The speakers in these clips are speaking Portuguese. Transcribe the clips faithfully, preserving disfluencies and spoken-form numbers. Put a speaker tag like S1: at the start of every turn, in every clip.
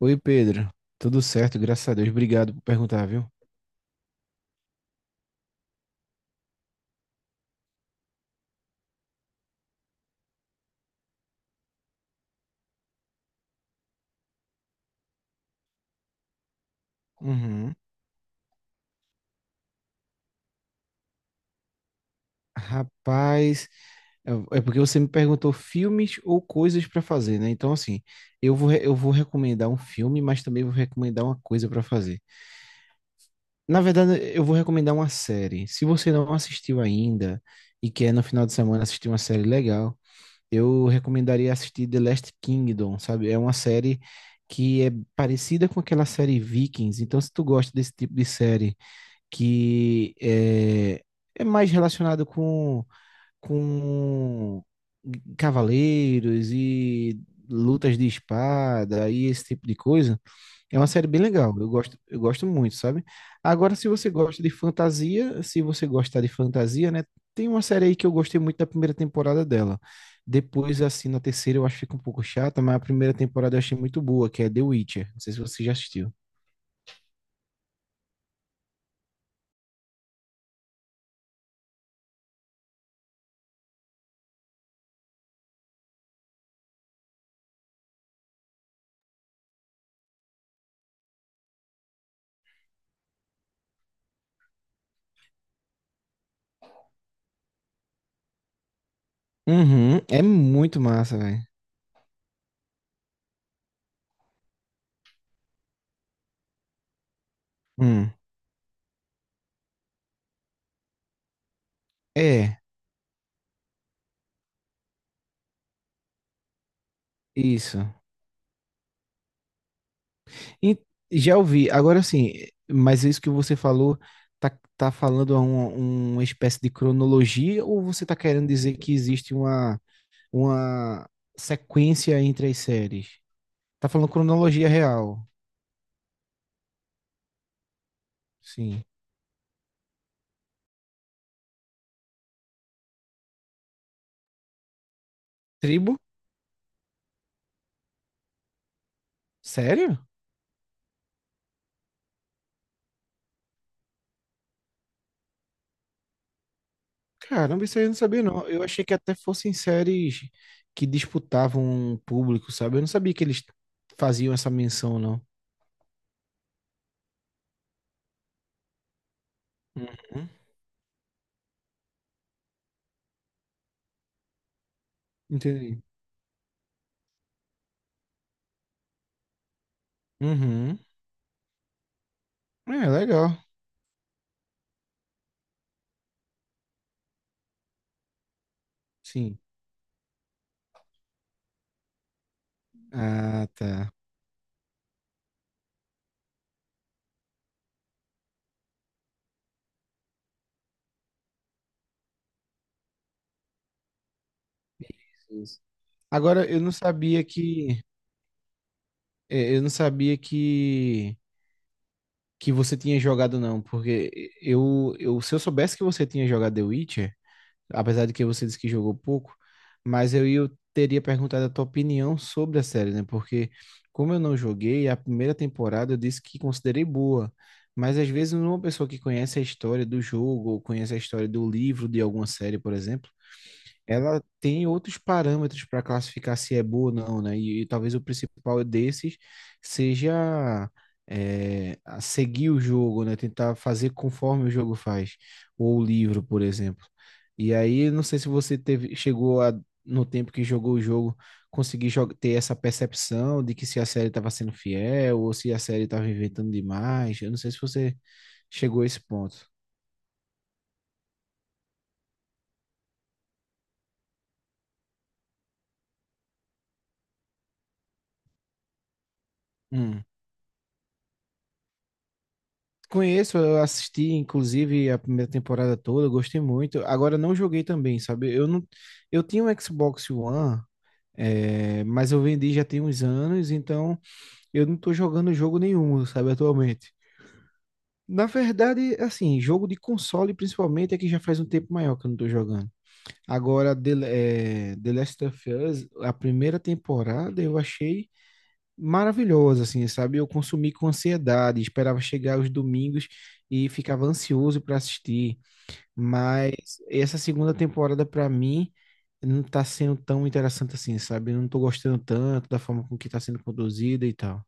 S1: Oi, Pedro. Tudo certo, graças a Deus. Obrigado por perguntar, viu? Uhum. Rapaz, é é porque você me perguntou filmes ou coisas para fazer, né? Então, assim, eu vou, re- eu vou recomendar um filme, mas também vou recomendar uma coisa para fazer. Na verdade, eu vou recomendar uma série. Se você não assistiu ainda e quer no final de semana assistir uma série legal, eu recomendaria assistir The Last Kingdom, sabe? É uma série que é parecida com aquela série Vikings. Então, se tu gosta desse tipo de série que é, é mais relacionado com com cavaleiros e lutas de espada e esse tipo de coisa. É uma série bem legal. Eu gosto, eu gosto muito, sabe? Agora, se você gosta de fantasia, se você gostar de fantasia, né? Tem uma série aí que eu gostei muito da primeira temporada dela. Depois, assim, na terceira eu acho que fica um pouco chata, mas a primeira temporada eu achei muito boa, que é The Witcher. Não sei se você já assistiu. Uhum, é muito massa, velho. Hum, é, isso. E já ouvi. Agora sim, mas isso que você falou, tá, tá falando a uma, uma espécie de cronologia ou você tá querendo dizer que existe uma, uma sequência entre as séries? Tá falando cronologia real. Sim. Tribo? Sério? Caramba, isso aí eu não sabia, não. Eu achei que até fossem séries que disputavam um público, sabe? Eu não sabia que eles faziam essa menção, não. Uhum. Entendi. Uhum. É, legal. Sim. Ah, tá. Isso. Agora, eu não sabia que. É, eu não sabia que. Que você tinha jogado, não. Porque eu, eu. Se eu soubesse que você tinha jogado The Witcher, apesar de que você disse que jogou pouco, mas eu, eu teria perguntado a tua opinião sobre a série, né? Porque como eu não joguei, a primeira temporada eu disse que considerei boa, mas às vezes uma pessoa que conhece a história do jogo, ou conhece a história do livro de alguma série, por exemplo, ela tem outros parâmetros para classificar se é boa ou não, né? E, e talvez o principal desses seja é, a seguir o jogo, né? Tentar fazer conforme o jogo faz, ou o livro, por exemplo. E aí, não sei se você teve, chegou a, no tempo que jogou o jogo, conseguir jog- ter essa percepção de que se a série estava sendo fiel ou se a série estava inventando demais. Eu não sei se você chegou a esse ponto. Conheço, eu assisti inclusive a primeira temporada toda, eu gostei muito. Agora não joguei também, sabe? Eu não, eu tinha um Xbox One, é, mas eu vendi já tem uns anos, então eu não tô jogando jogo nenhum, sabe, atualmente. Na verdade, assim, jogo de console principalmente é que já faz um tempo maior que eu não tô jogando. Agora, The, é, The Last of Us, a primeira temporada eu achei maravilhosa, assim, sabe? Eu consumi com ansiedade, esperava chegar os domingos e ficava ansioso para assistir, mas essa segunda temporada para mim não tá sendo tão interessante assim, sabe? Eu não tô gostando tanto da forma com que tá sendo conduzida e tal.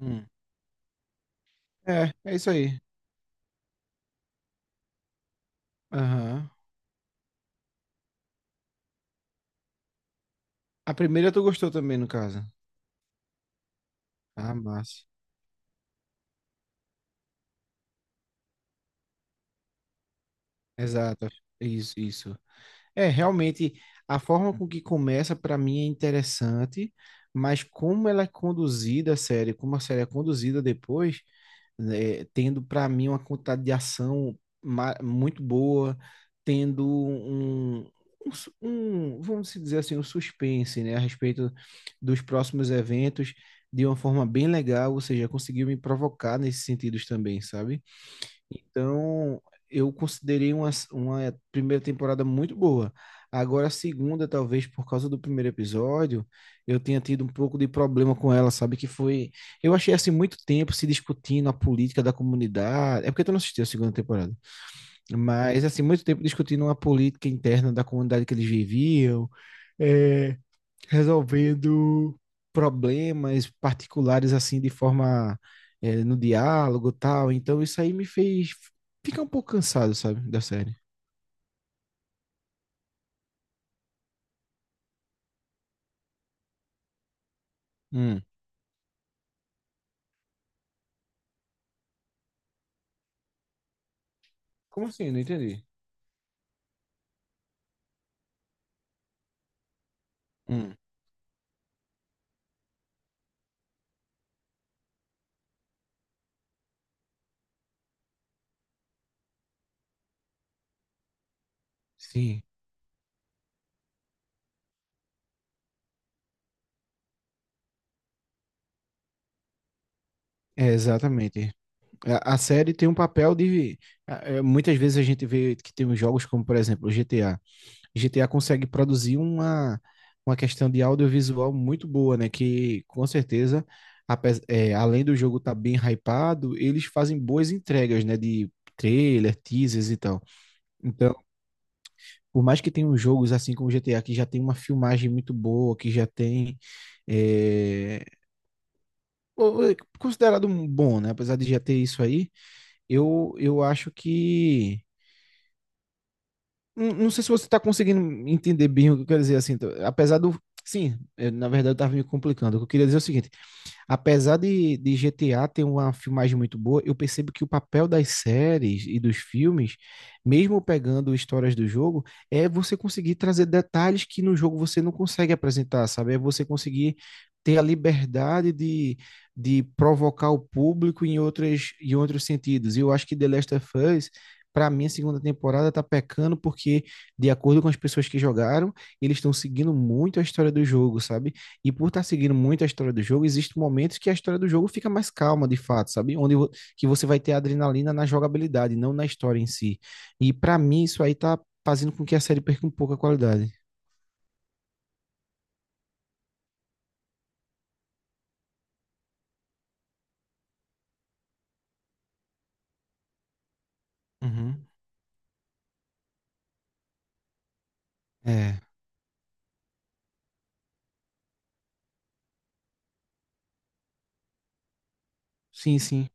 S1: Hum. É, é isso aí. Aham. A primeira tu gostou também, no caso. Ah, massa. Exato. Isso, isso. É, realmente, a forma com que começa para mim é interessante, mas como ela é conduzida a série, como a série é conduzida depois, né, tendo para mim uma quantidade de ação ma- muito boa, tendo um, um, su- um, vamos dizer assim, um suspense, né, a respeito dos próximos eventos de uma forma bem legal, ou seja, conseguiu me provocar nesses sentidos também, sabe? Então, eu considerei uma, uma primeira temporada muito boa. Agora, a segunda, talvez por causa do primeiro episódio, eu tenha tido um pouco de problema com ela, sabe? Que foi. Eu achei assim muito tempo se discutindo a política da comunidade. É porque tu não assistiu a segunda temporada. Mas, assim, muito tempo discutindo a política interna da comunidade que eles viviam. É, resolvendo problemas particulares assim de forma é, no diálogo e tal. Então isso aí me fez ficar um pouco cansado, sabe, da série. Hum. Como assim? Não entendi. Hum. Sim, é, exatamente. A, a série tem um papel de. a- é, muitas vezes a gente vê que tem uns jogos como, por exemplo, o G T A. G T A consegue produzir uma, uma questão de audiovisual muito boa, né? Que com certeza, apes- é, além do jogo estar bem hypado, eles fazem boas entregas, né? De trailer, teasers e tal. Então, por mais que tenham jogos assim como G T A, que já tem uma filmagem muito boa, que já tem. é, o- o- considerado um bom, né? Apesar de já ter isso aí, eu, eu acho que não. Não sei se você está conseguindo entender bem o que eu quero dizer assim. Tá? Apesar do. Sim, eu, na verdade eu estava me complicando. O que eu queria dizer é o seguinte: apesar de, de G T A ter uma filmagem muito boa, eu percebo que o papel das séries e dos filmes, mesmo pegando histórias do jogo, é você conseguir trazer detalhes que no jogo você não consegue apresentar, sabe? É você conseguir ter a liberdade de, de provocar o público em outras, em outros sentidos. E eu acho que The Last of Us. Para mim, a segunda temporada tá pecando porque, de acordo com as pessoas que jogaram, eles estão seguindo muito a história do jogo, sabe? E por estar seguindo muito a história do jogo, existem momentos que a história do jogo fica mais calma, de fato, sabe? Onde vo- que você vai ter adrenalina na jogabilidade, não na história em si. E pra mim isso aí tá fazendo com que a série perca um pouco a qualidade. Uhum. É. Sim, sim.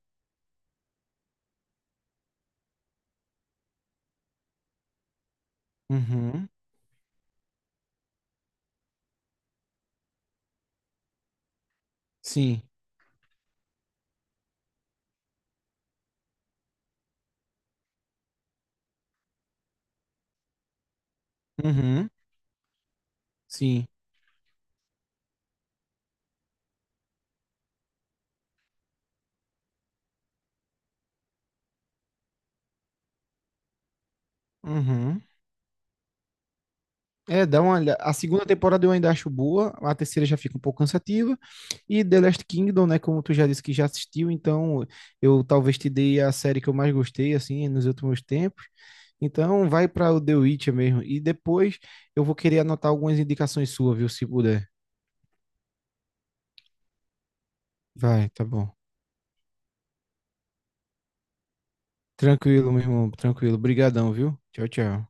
S1: Uhum. Sim. Uhum. Sim. Uhum. É, dá uma olhada. A segunda temporada eu ainda acho boa, a terceira já fica um pouco cansativa. E The Last Kingdom, né, como tu já disse que já assistiu, então eu talvez te dei a série que eu mais gostei, assim, nos últimos tempos. Então, vai para o The Witcher mesmo. E depois eu vou querer anotar algumas indicações suas, viu? Se puder. Vai, tá bom. Tranquilo, meu irmão. Tranquilo. Obrigadão, viu? Tchau, tchau.